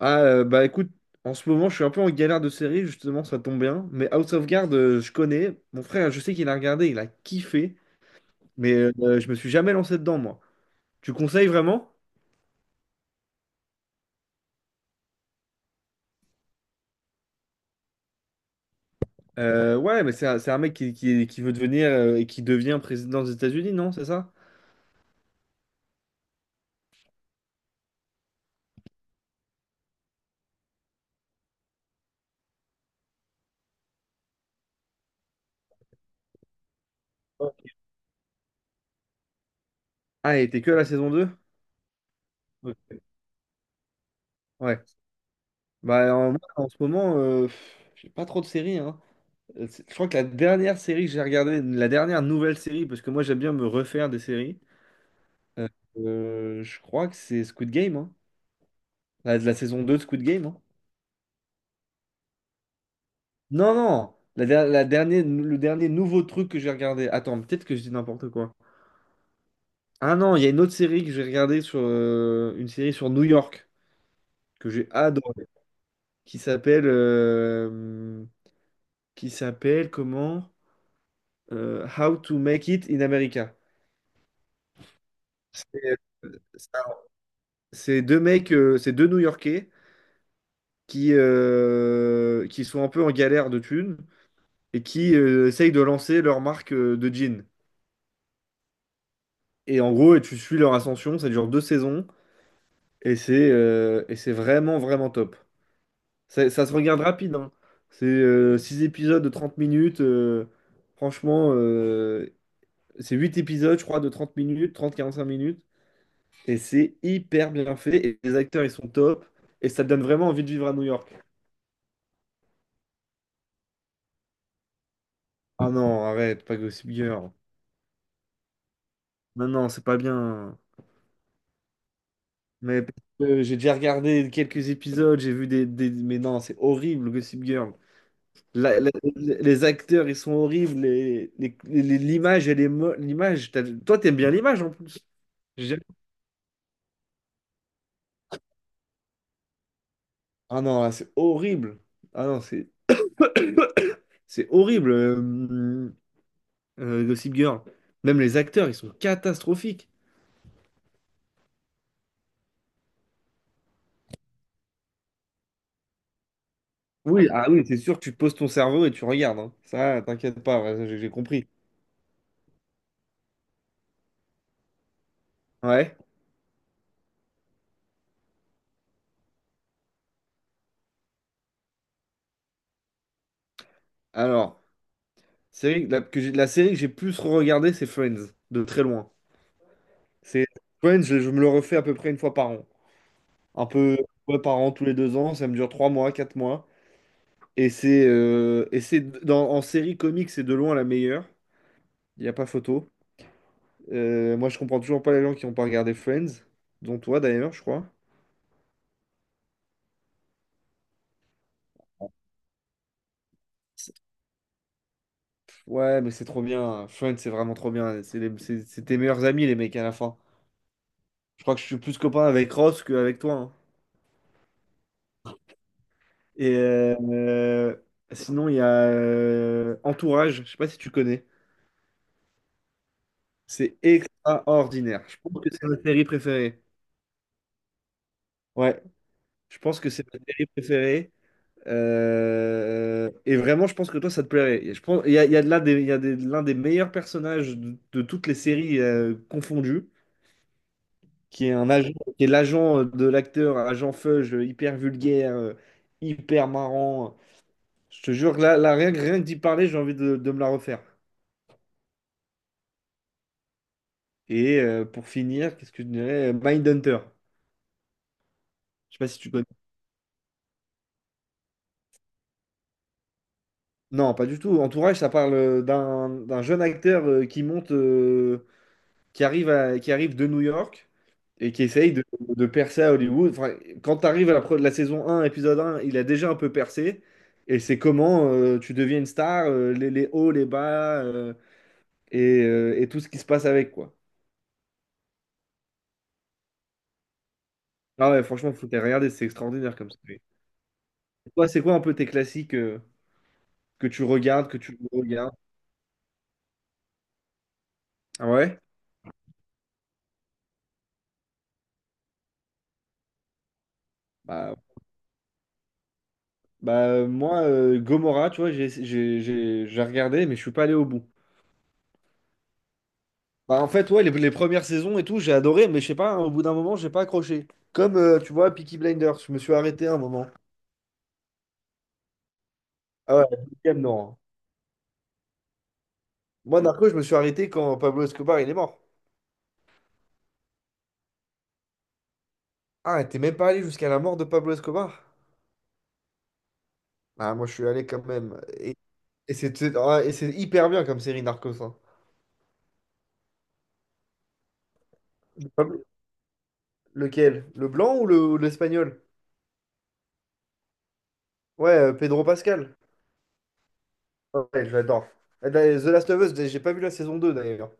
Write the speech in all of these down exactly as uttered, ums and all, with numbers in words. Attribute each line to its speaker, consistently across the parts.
Speaker 1: Ah, euh, bah écoute, en ce moment, je suis un peu en galère de série, justement, ça tombe bien. Mais House of Cards, euh, je connais. Mon frère, je sais qu'il a regardé, il a kiffé. Mais euh, euh, je me suis jamais lancé dedans, moi. Tu conseilles vraiment? Euh, ouais, mais c'est un, c'est un mec qui, qui, qui veut devenir euh, et qui devient président des États-Unis, non? C'est ça? Ouais. Ah, et t'es que à la saison deux. Ouais. Ouais. Bah, en, moi, en ce moment, euh, pff, j'ai pas trop de séries, hein. Euh, c'est- Je crois que la dernière série que j'ai regardée, la dernière nouvelle série, parce que moi, j'aime bien me refaire des séries. Euh, euh, je crois que c'est Squid Game, hein. La, la saison deux de Squid Game, hein. Non, non, la, der- la dernière, le dernier nouveau truc que j'ai regardé. Attends, peut-être que je dis n'importe quoi. Ah non, il y a une autre série que j'ai regardée sur euh, une série sur New York que j'ai adorée, qui s'appelle euh, qui s'appelle comment? Euh, How to Make It in America. C'est c'est deux mecs, euh, c'est deux New-Yorkais qui euh, qui sont un peu en galère de thunes et qui euh, essayent de lancer leur marque euh, de jeans. Et en gros, et tu suis leur ascension, ça dure deux saisons, et c'est euh, et c'est vraiment, vraiment top. Ça, ça se regarde rapide, hein. C'est euh, Six épisodes de trente minutes. euh, franchement, euh, c'est huit épisodes, je crois, de trente minutes, trente quarante-cinq minutes. Et c'est hyper bien fait, et les acteurs, ils sont top, et ça te donne vraiment envie de vivre à New York. Ah non, arrête, pas Gossip Girl. Non, non, c'est pas bien. Mais parce que j'ai déjà regardé quelques épisodes, j'ai vu des, des- Mais non, c'est horrible, Gossip Girl. La- la- les acteurs, ils sont horribles. Les- les- les- l'image, elle est mo- l'image, t'as- toi, t'aimes bien l'image en plus. J'ai jamais- Ah non, là, c'est horrible. Ah non, c'est c'est horrible, euh, euh, Gossip Girl. Même les acteurs, ils sont catastrophiques. Oui, ah oui, c'est sûr, tu poses ton cerveau et tu regardes. Hein. Ça, t'inquiète pas, ouais, j'ai j'ai compris. Ouais. Alors. Série, la, que j'ai- La série que j'ai plus regardée, c'est Friends, de très loin. C'est Friends, je, je me le refais à peu près une fois par an. Un peu ouais, par an, tous les deux ans, ça me dure trois mois, quatre mois. Et c'est euh, et c'est dans, en série comique, c'est de loin la meilleure. Il n'y a pas photo. Euh, moi, je comprends toujours pas les gens qui n'ont pas regardé Friends, dont toi d'ailleurs, je crois. C'est- Ouais, mais c'est trop bien. Friends, c'est vraiment trop bien. C'est les- c'est- c'est tes meilleurs amis, les mecs, à la fin. Je crois que je suis plus copain avec Ross qu'avec toi. Hein. Et euh, sinon, il y a euh, Entourage, je sais pas si tu connais. C'est extraordinaire. Je pense que c'est ma série préférée. Ouais, je pense que c'est ma série préférée. Euh, et vraiment, je pense que toi, ça te plairait. Et je pense, il y a, il y a de là des, il y a des- l'un des meilleurs personnages de, de toutes les séries euh, confondues, qui est un agent, qui est l'agent euh, de l'acteur, agent Feuge, hyper vulgaire, euh, hyper marrant. Je te jure que là, là, rien, que- rien que d'y parler, j'ai envie de de me la refaire. Et euh, pour finir, qu'est-ce que je dirais? Mindhunter. Je sais pas si tu connais. Non, pas du tout. Entourage, ça parle euh, d'un d'un jeune acteur euh, qui monte, euh, qui arrive à- qui arrive de New York et qui essaye de, de percer à Hollywood. Enfin, quand tu arrives à la, pro- la saison un, épisode un, il a déjà un peu percé. Et c'est comment euh, tu deviens une star, euh, les, les hauts, les bas euh, et, euh, et tout ce qui se passe avec, quoi. Ah ouais, franchement, faut les regarder, c'est extraordinaire comme ça. Toi, c'est quoi un peu tes classiques euh, que tu regardes, que tu regardes? Ah ouais? Bah, bah, moi, euh, Gomorrah, tu vois, j'ai j'ai- j'ai- j'ai regardé, mais je suis pas allé au bout. Bah, en fait, ouais, les, les premières saisons et tout, j'ai adoré, mais je sais pas, hein, au bout d'un moment, j'ai pas accroché. Comme, euh, tu vois, Peaky Blinders, je me suis arrêté un moment. Ah ouais, la deuxième, non. Hein. Moi, Narco, je me suis arrêté quand Pablo Escobar, il est mort. Ah, t'es même pas allé jusqu'à la mort de Pablo Escobar? Ah, moi, je suis allé quand même. Et, et c'est c'est- ah, et c'est hyper bien comme série, Narcos. Hein. Pablo- Lequel? Le blanc ou le- ou l'espagnol? Ouais, euh, Pedro Pascal. Ouais, j'adore. Et la- The Last of Us, j'ai pas vu la saison deux d'ailleurs.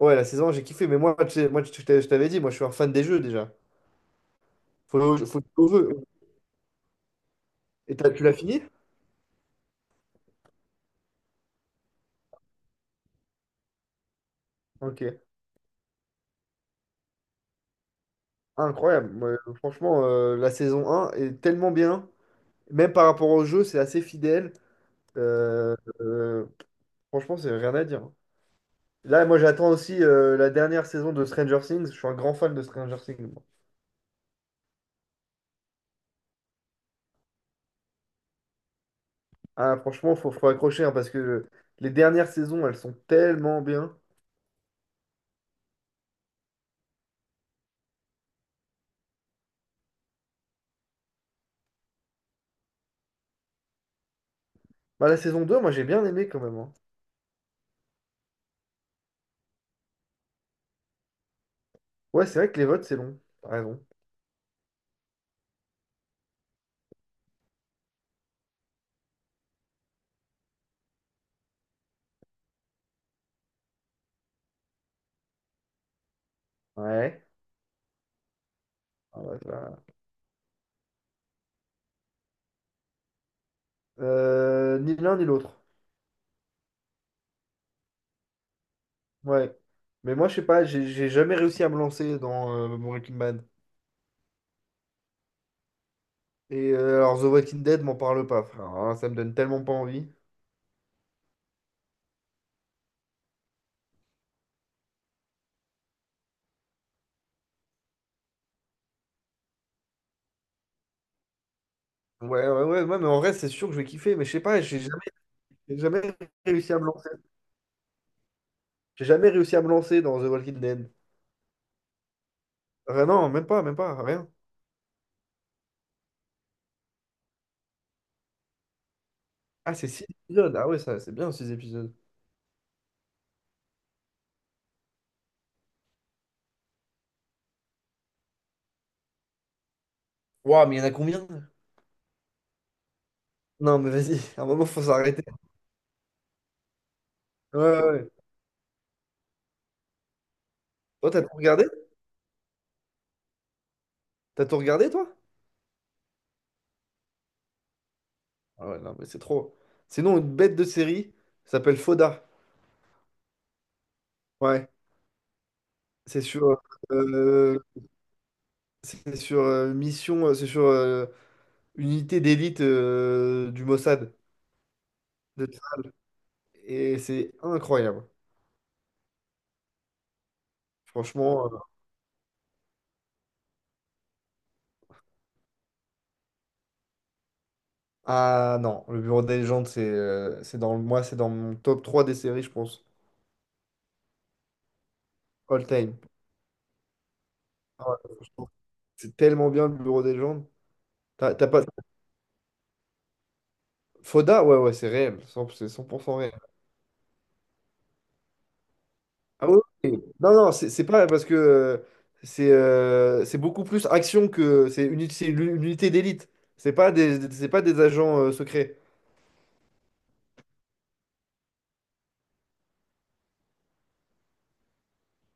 Speaker 1: Ouais, la saison un, j'ai kiffé, mais moi, tu sais- moi je t'avais je t'avais dit, moi je suis un fan des jeux déjà. Faut, Faut jouer au jeu. Et t'as- tu l'as fini? Ok. Incroyable. Moi, franchement, euh, la saison un est tellement bien. Même par rapport au jeu, c'est assez fidèle. Euh, euh, Franchement, c'est rien à dire. Là, moi j'attends aussi euh, la dernière saison de Stranger Things. Je suis un grand fan de Stranger Things. Moi. Ah, franchement, faut, faut accrocher hein, parce que les dernières saisons, elles sont tellement bien. Bah, la saison deux moi j'ai bien aimé quand même. Hein. Ouais, c'est vrai que les votes, c'est long. T'as raison. Ouais. Ah bah, ça- Euh, ni l'un ni l'autre. Ouais. Mais moi, je sais pas, j'ai j'ai jamais réussi à me lancer dans euh, Breaking Bad. Et euh, alors, The Walking Dead, m'en parle pas, frère. Alors là, ça me donne tellement pas envie. Ouais, ouais, ouais, ouais, mais en vrai, c'est sûr que je vais kiffer. Mais je sais pas, j'ai jamais, j'ai jamais réussi à me lancer. J'ai jamais réussi à me lancer dans The Walking Dead. Ah non, même pas, même pas, rien. Ah, c'est six épisodes. Ah ouais, ça, c'est bien, six épisodes. Waouh, mais il y en a combien? Non, mais vas-y, à un moment, faut s'arrêter. Ouais, ouais. ouais. Toi, t'as tout regardé? T'as tout regardé, toi? Ah ouais, non, mais c'est trop. Sinon, une bête de série ça s'appelle Foda. Ouais, c'est sur, euh, c'est sur euh, mission, euh, c'est sur euh, unité d'élite euh, du Mossad de Tsar. Et c'est incroyable. Franchement, euh, ah non, le Bureau des légendes, c'est euh, c'est dans moi, c'est dans mon top trois des séries, je pense, all time. Ah ouais, franchement, c'est tellement bien le Bureau des légendes. T'as t'as pas Foda, ouais ouais, c'est réel, cent c'est cent pour cent réel. Ah oui, oui. Non, non, c'est c'est pas parce que euh, c'est euh, c'est beaucoup plus action que c'est une, c'est une unité d'élite. C'est pas des, c'est pas des agents euh, secrets.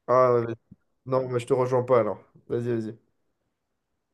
Speaker 1: Ah, mais- non, mais je te rejoins pas alors. Vas-y, vas-y.